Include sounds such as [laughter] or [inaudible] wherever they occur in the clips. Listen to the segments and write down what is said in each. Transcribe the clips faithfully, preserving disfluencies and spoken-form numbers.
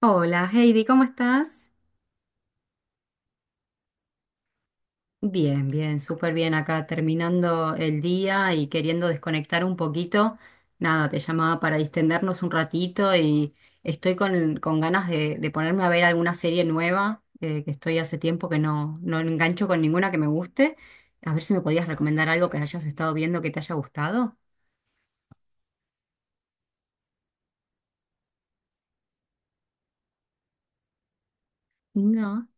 Hola Heidi, ¿cómo estás? Bien, bien, súper bien acá terminando el día y queriendo desconectar un poquito. Nada, te llamaba para distendernos un ratito y estoy con, con ganas de, de ponerme a ver alguna serie nueva, eh, que estoy hace tiempo que no, no engancho con ninguna que me guste. A ver si me podías recomendar algo que hayas estado viendo que te haya gustado. No.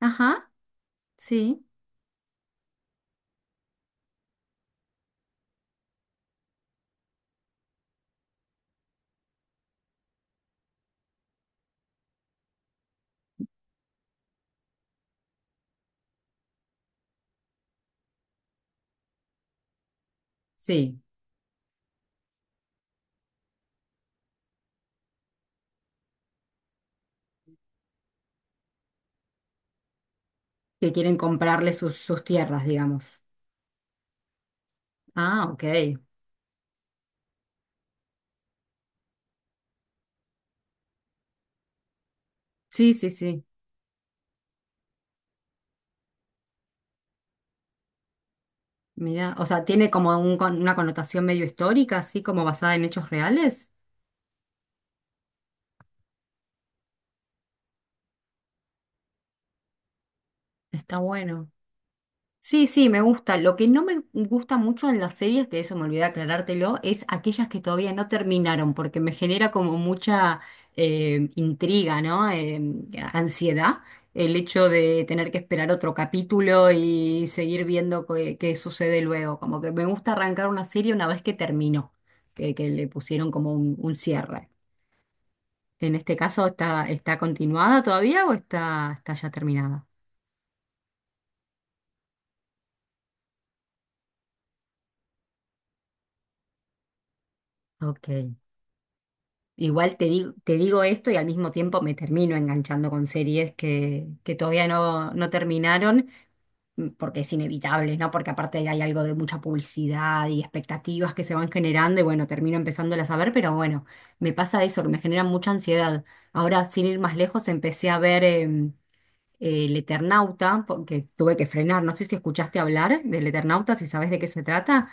Ajá, sí. Sí, que quieren comprarle sus, sus tierras, digamos. Ah, ok. Sí, sí, sí. Mira, o sea, tiene como un con- una connotación medio histórica, así como basada en hechos reales. Está bueno. Sí, sí, me gusta. Lo que no me gusta mucho en las series, que eso me olvidé aclarártelo, es aquellas que todavía no terminaron, porque me genera como mucha eh, intriga, ¿no? Eh, ansiedad, el hecho de tener que esperar otro capítulo y seguir viendo qué, qué sucede luego. Como que me gusta arrancar una serie una vez que terminó, que, que le pusieron como un un cierre. En este caso, ¿está, está continuada todavía o está, está ya terminada? Ok. Igual te digo, te digo esto y al mismo tiempo me termino enganchando con series que, que todavía no, no terminaron, mm, porque es inevitable, ¿no? Porque aparte hay algo de mucha publicidad y expectativas que se van generando y bueno, termino empezándolas a ver, pero bueno, me pasa eso, que me genera mucha ansiedad. Ahora, sin ir más lejos, empecé a ver em, El Eternauta, porque tuve que frenar. No sé si escuchaste hablar del Eternauta, si sabes de qué se trata.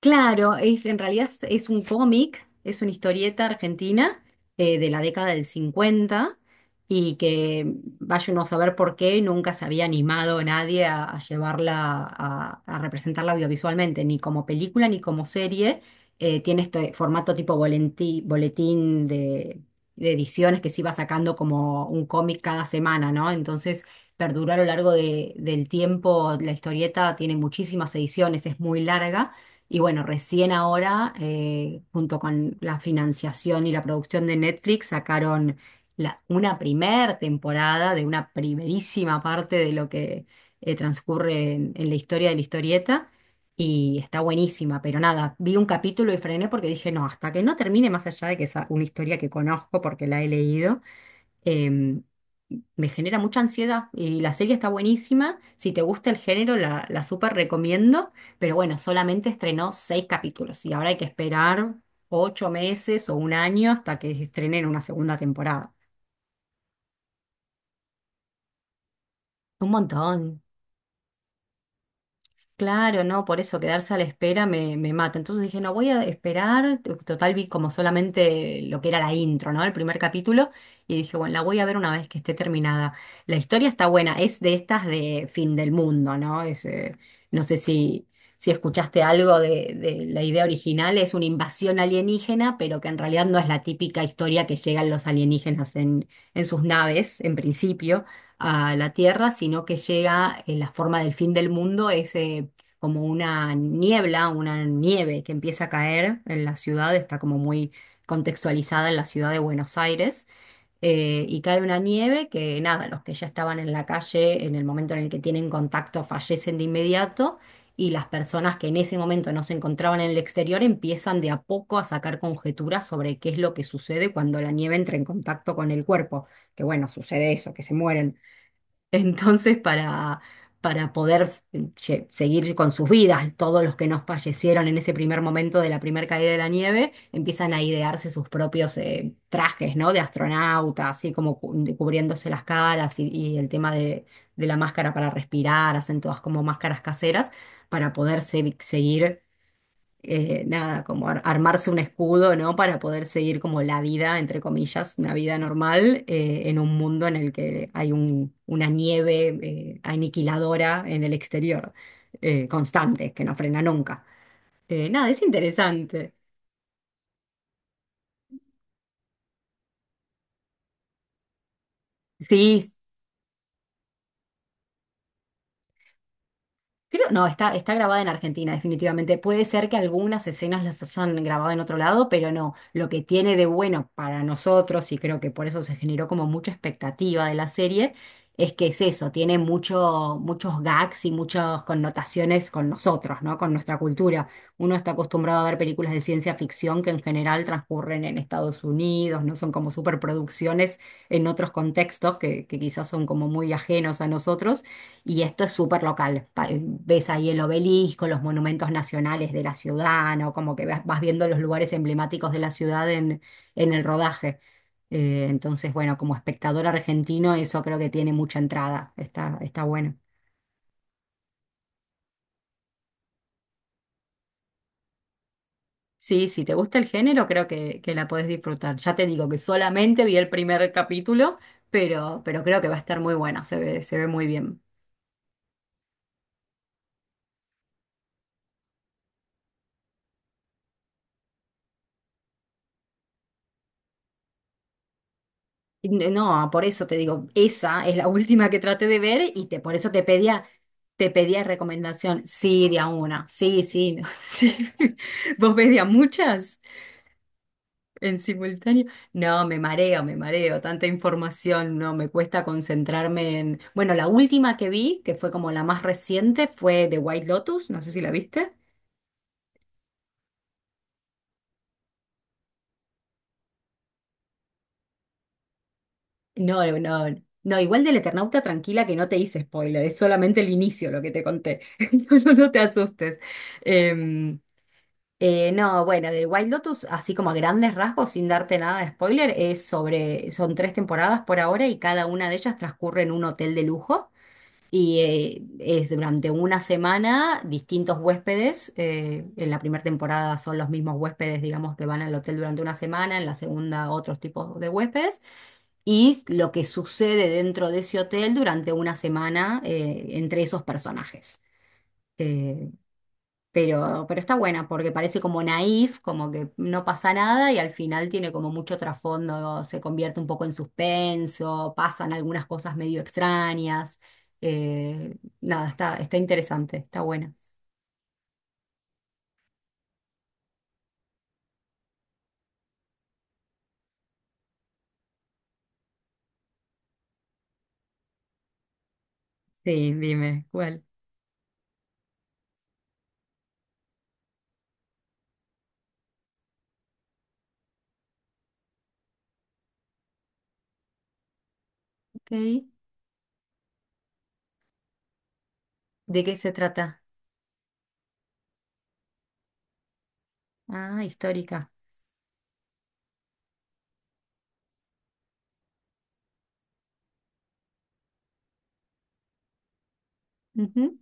Claro, es, en realidad es un cómic, es una historieta argentina eh, de la década del cincuenta y que vaya uno a saber por qué nunca se había animado nadie a, a llevarla, a, a representarla audiovisualmente, ni como película ni como serie. Eh, tiene este formato tipo bolentí- boletín de, de ediciones que se iba sacando como un cómic cada semana, ¿no? Entonces perduró a lo largo de- del tiempo, la historieta tiene muchísimas ediciones, es muy larga y bueno, recién ahora, eh, junto con la financiación y la producción de Netflix, sacaron la- una primer temporada de una primerísima parte de lo que eh, transcurre en, en la historia de la historieta. Y está buenísima, pero nada, vi un capítulo y frené porque dije, no, hasta que no termine, más allá de que es una historia que conozco porque la he leído, em, me genera mucha ansiedad y la serie está buenísima. Si te gusta el género, la, la súper recomiendo, pero bueno, solamente estrenó seis capítulos y ahora hay que esperar ocho meses o un año hasta que estrenen una segunda temporada. Un montón. Claro, no, por eso quedarse a la espera me, me mata. Entonces dije, no, voy a esperar. T- Total, vi como solamente lo que era la intro, ¿no? El primer capítulo. Y dije, bueno, la voy a ver una vez que esté terminada. La historia está buena, es de estas de fin del mundo, ¿no? Es, eh, no sé si, si escuchaste algo de, de la idea original, es una invasión alienígena, pero que en realidad no es la típica historia que llegan los alienígenas en, en sus naves, en principio a la Tierra, sino que llega en la forma del fin del mundo, es como una niebla, una nieve que empieza a caer en la ciudad, está como muy contextualizada en la ciudad de Buenos Aires, eh, y cae una nieve que nada, los que ya estaban en la calle en el momento en el que tienen contacto fallecen de inmediato. Y las personas que en ese momento no se encontraban en el exterior empiezan de a poco a sacar conjeturas sobre qué es lo que sucede cuando la nieve entra en contacto con el cuerpo. Que bueno, sucede eso, que se mueren. Entonces, para, para poder s- lle- seguir con sus vidas, todos los que nos fallecieron en ese primer momento de la primera caída de la nieve, empiezan a idearse sus propios eh, trajes, ¿no? De astronauta, así como cu- cubriéndose las caras y, y el tema de, de la máscara para respirar, hacen todas como máscaras caseras para poder se- seguir eh, nada, como ar- armarse un escudo, ¿no? Para poder seguir como la vida, entre comillas, una vida normal eh, en un mundo en el que hay un- una nieve eh, aniquiladora en el exterior, eh, constante, que no frena nunca. Eh, nada, es interesante. Sí, creo, no, está, está, grabada en Argentina, definitivamente. Puede ser que algunas escenas las hayan grabado en otro lado, pero no. Lo que tiene de bueno para nosotros, y creo que por eso se generó como mucha expectativa de la serie, es que es eso, tiene mucho, muchos gags y muchas connotaciones con nosotros, ¿no? Con nuestra cultura. Uno está acostumbrado a ver películas de ciencia ficción que en general transcurren en Estados Unidos, no son como superproducciones en otros contextos que, que quizás son como muy ajenos a nosotros. Y esto es súper local. Pa- eh, Ves ahí el obelisco, los monumentos nacionales de la ciudad, ¿no? Como que vas vas viendo los lugares emblemáticos de la ciudad en, en el rodaje. Eh, entonces, bueno, como espectador argentino, eso creo que tiene mucha entrada. Está, está bueno. Sí, si te gusta el género, creo que, que la podés disfrutar. Ya te digo que solamente vi el primer capítulo, pero, pero creo que va a estar muy buena. Se ve, se ve muy bien. N- No, por eso te digo, esa es la [laughs] última que traté de ver y te, por eso te pedía, te pedía recomendación. Sí, de a una. Sí, sí, no, [laughs] sí. ¿Vos ves de a muchas en simultáneo? No, me mareo, me mareo. Tanta información, no, me cuesta concentrarme en... Bueno, la última que vi, que fue como la más reciente, fue The White Lotus. No sé si la viste. No, no, no, no, igual del Eternauta, tranquila que no te hice spoiler, es solamente el inicio lo que te conté. [laughs] No, no, no te asustes. Em, Eh, no, bueno, del White Lotus, así como a grandes rasgos, sin darte nada de spoiler, es sobre, son tres temporadas por ahora y cada una de ellas transcurre en un hotel de lujo y eh, es durante una semana distintos huéspedes. Eh, en la primera temporada son los mismos huéspedes, digamos, que van al hotel durante una semana, en la segunda otros tipos de huéspedes y lo que sucede dentro de ese hotel durante una semana eh, entre esos personajes. Eh, pero, pero está buena porque parece como naif, como que no pasa nada y al final tiene como mucho trasfondo, se convierte un poco en suspenso, pasan algunas cosas medio extrañas. Eh, nada, está, está interesante, está buena. Sí, dime, ¿cuál? Ok. ¿De qué se trata? Ah, histórica. Ujú.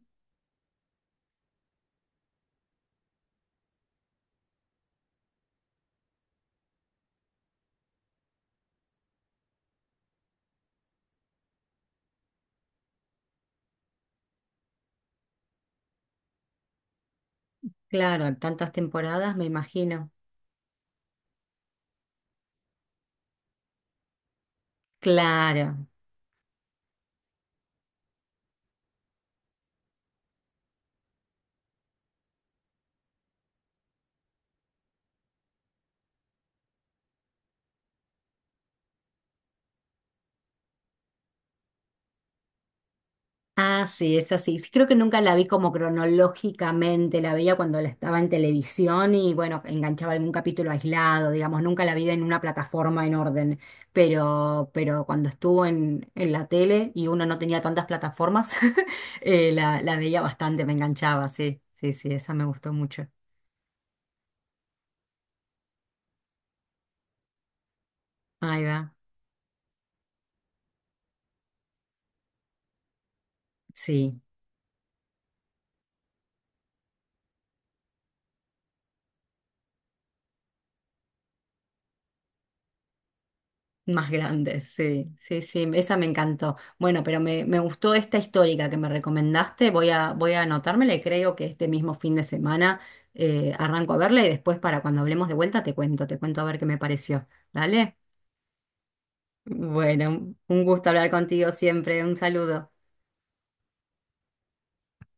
Claro, tantas temporadas, me imagino. Claro. Ah, sí, es así. Sí, creo que nunca la vi como cronológicamente, la veía cuando la estaba en televisión y bueno, enganchaba algún capítulo aislado, digamos, nunca la vi en una plataforma en orden, pero, pero cuando estuvo en, en la tele y uno no tenía tantas plataformas, [laughs] eh, la, la veía bastante, me enganchaba, sí, sí, sí, esa me gustó mucho. Ahí va, sí. Más grandes, sí, sí, sí, esa me encantó. Bueno, pero me, me gustó esta histórica que me recomendaste, voy a, voy a anotármela y creo que este mismo fin de semana eh, arranco a verla y después para cuando hablemos de vuelta te cuento, te cuento a ver qué me pareció. ¿Dale? Bueno, un gusto hablar contigo siempre, un saludo.